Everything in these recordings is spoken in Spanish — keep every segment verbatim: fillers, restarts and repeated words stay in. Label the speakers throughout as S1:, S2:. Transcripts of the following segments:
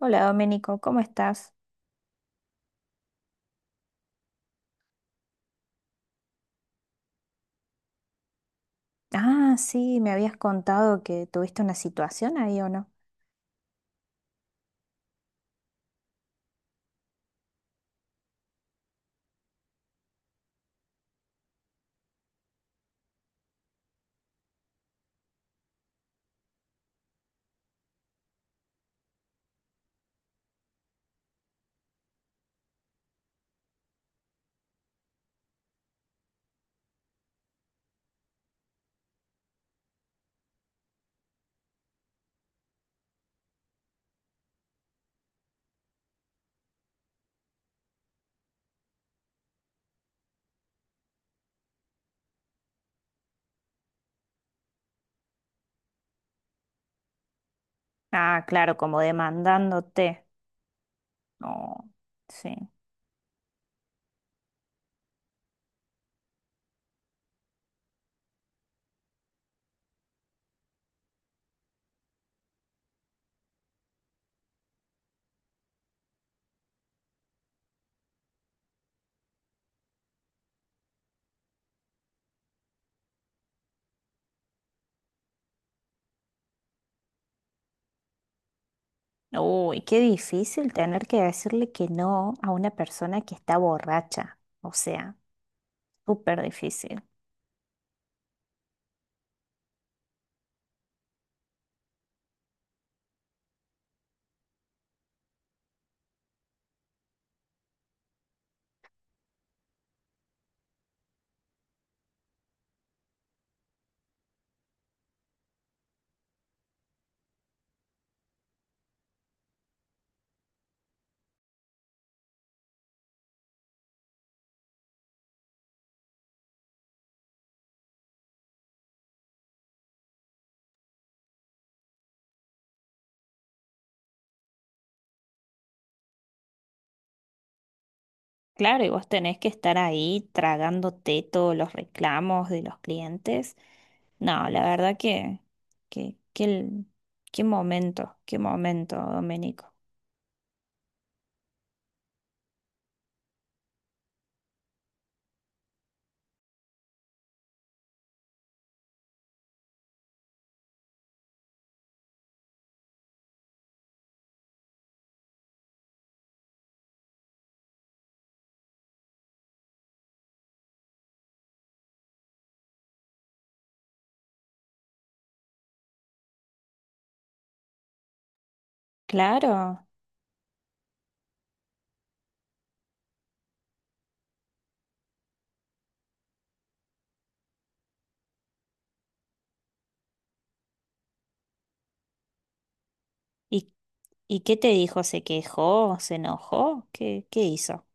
S1: Hola Domenico, ¿cómo estás? Ah, sí, me habías contado que tuviste una situación ahí o no. Ah, claro, como demandándote. No, sí. Uy, qué difícil tener que decirle que no a una persona que está borracha. O sea, súper difícil. Claro, y vos tenés que estar ahí tragándote todos los reclamos de los clientes. No, la verdad que, que, que el- qué momento, qué momento, Domenico. Claro. ¿Y, y qué te dijo? ¿Se quejó? ¿Se enojó? ¿Qué, qué hizo?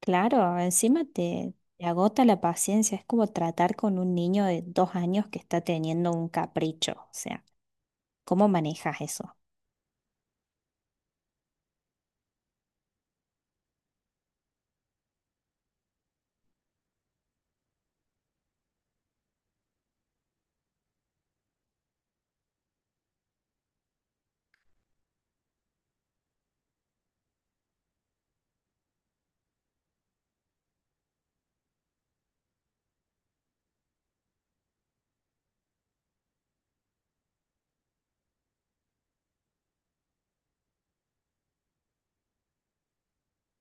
S1: Claro, encima te, te agota la paciencia. Es como tratar con un niño de dos años que está teniendo un capricho. O sea, ¿cómo manejas eso?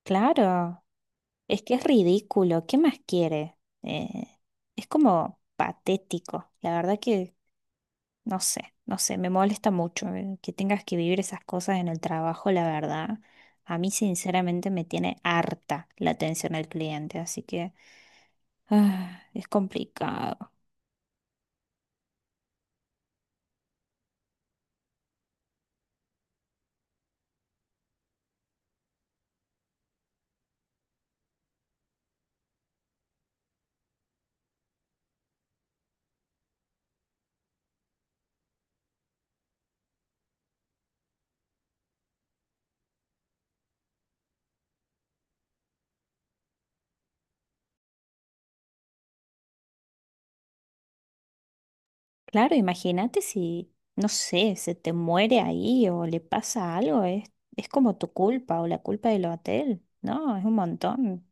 S1: Claro, es que es ridículo. ¿Qué más quiere? Eh, es como patético. La verdad que no sé, no sé, me molesta mucho eh, que tengas que vivir esas cosas en el trabajo, la verdad. A mí sinceramente me tiene harta la atención al cliente, así que ah, es complicado. Claro, imagínate si, no sé, se te muere ahí o le pasa algo, es, es como tu culpa o la culpa del hotel, ¿no? Es un montón.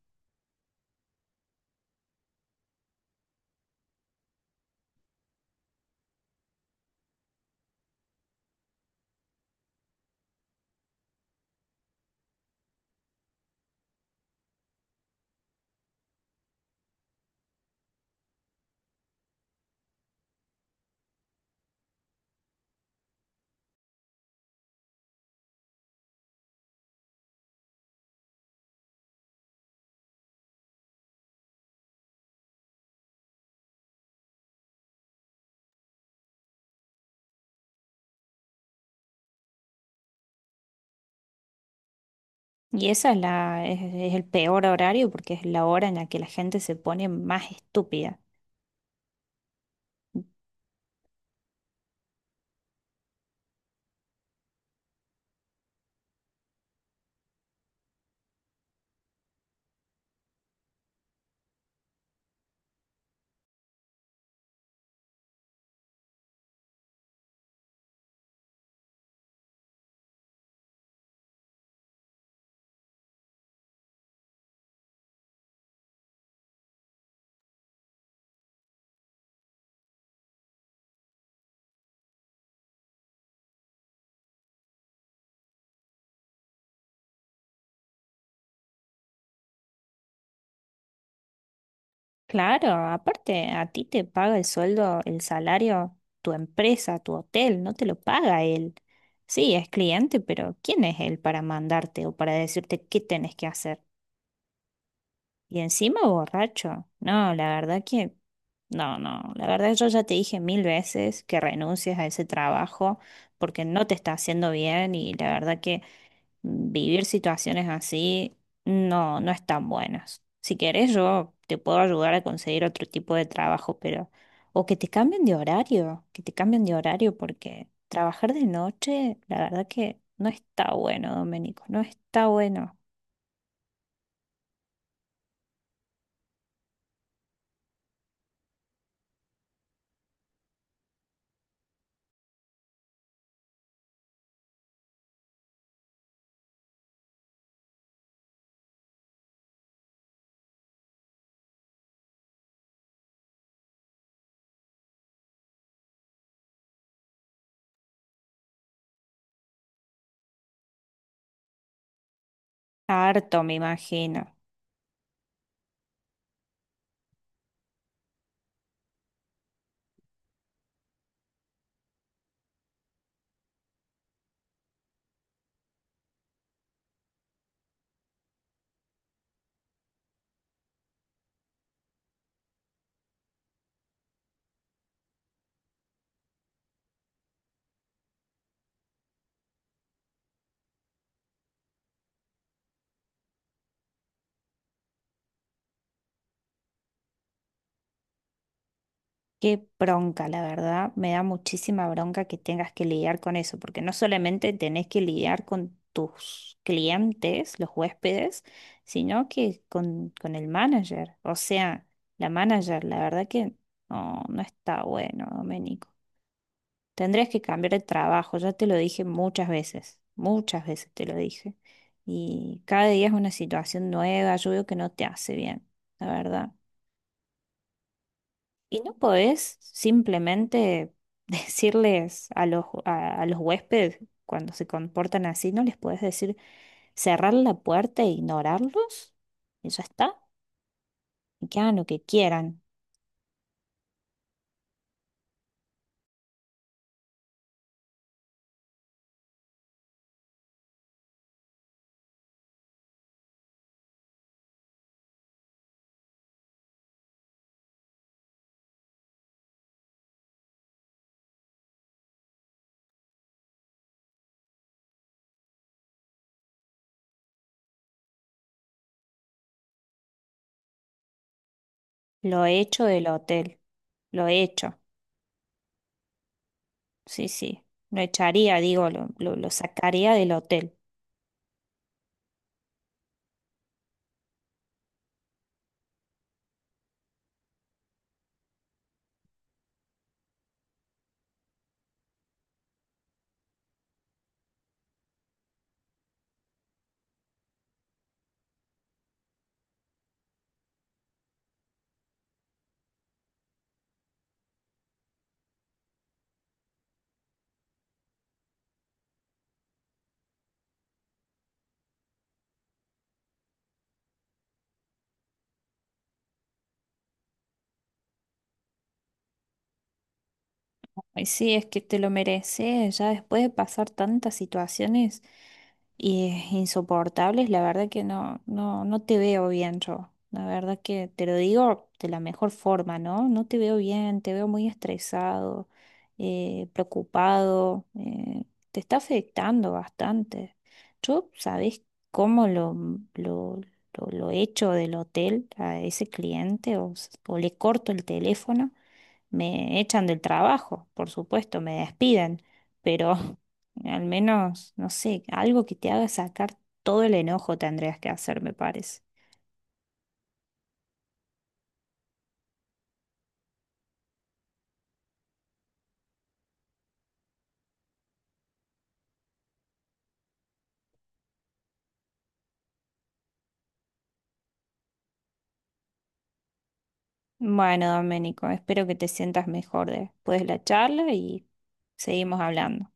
S1: Y esa es la, es es el peor horario porque es la hora en la que la gente se pone más estúpida. Claro, aparte a ti te paga el sueldo, el salario, tu empresa, tu hotel, no te lo paga él. Sí, es cliente, pero ¿quién es él para mandarte o para decirte qué tenés que hacer? Y encima borracho. No, la verdad que no, no, la verdad yo ya te dije mil veces que renuncies a ese trabajo porque no te está haciendo bien y la verdad que vivir situaciones así no, no están buenas. Si querés yo te puedo ayudar a conseguir otro tipo de trabajo, pero o que te cambien de horario, que te cambien de horario porque trabajar de noche, la verdad que no está bueno, Domenico, no está bueno. Harto, me imagino. Qué bronca, la verdad. Me da muchísima bronca que tengas que lidiar con eso, porque no solamente tenés que lidiar con tus clientes, los huéspedes, sino que con, con el manager. O sea, la manager, la verdad que no, no está bueno, Doménico. Tendrías que cambiar de trabajo, ya te lo dije muchas veces, muchas veces te lo dije. Y cada día es una situación nueva, yo veo que no te hace bien, la verdad. Y no podés simplemente decirles a los, a, a los huéspedes cuando se comportan así, no les podés decir cerrar la puerta e ignorarlos. Eso está. Y que hagan lo que quieran. Lo he hecho del hotel. Lo he hecho. Sí, sí. Lo echaría, digo, lo, lo, lo sacaría del hotel. Ay, sí, es que te lo mereces, ya después de pasar tantas situaciones eh, insoportables, la verdad que no, no, no te veo bien yo. La verdad que te lo digo de la mejor forma, ¿no? No te veo bien, te veo muy estresado, eh, preocupado, eh, te está afectando bastante. Yo, ¿sabés cómo lo, lo, lo, lo echo del hotel a ese cliente o s- o le corto el teléfono? Me echan del trabajo, por supuesto, me despiden, pero al menos, no sé, algo que te haga sacar todo el enojo tendrías que hacer, me parece. Bueno, Doménico, espero que te sientas mejor después de la charla y seguimos hablando.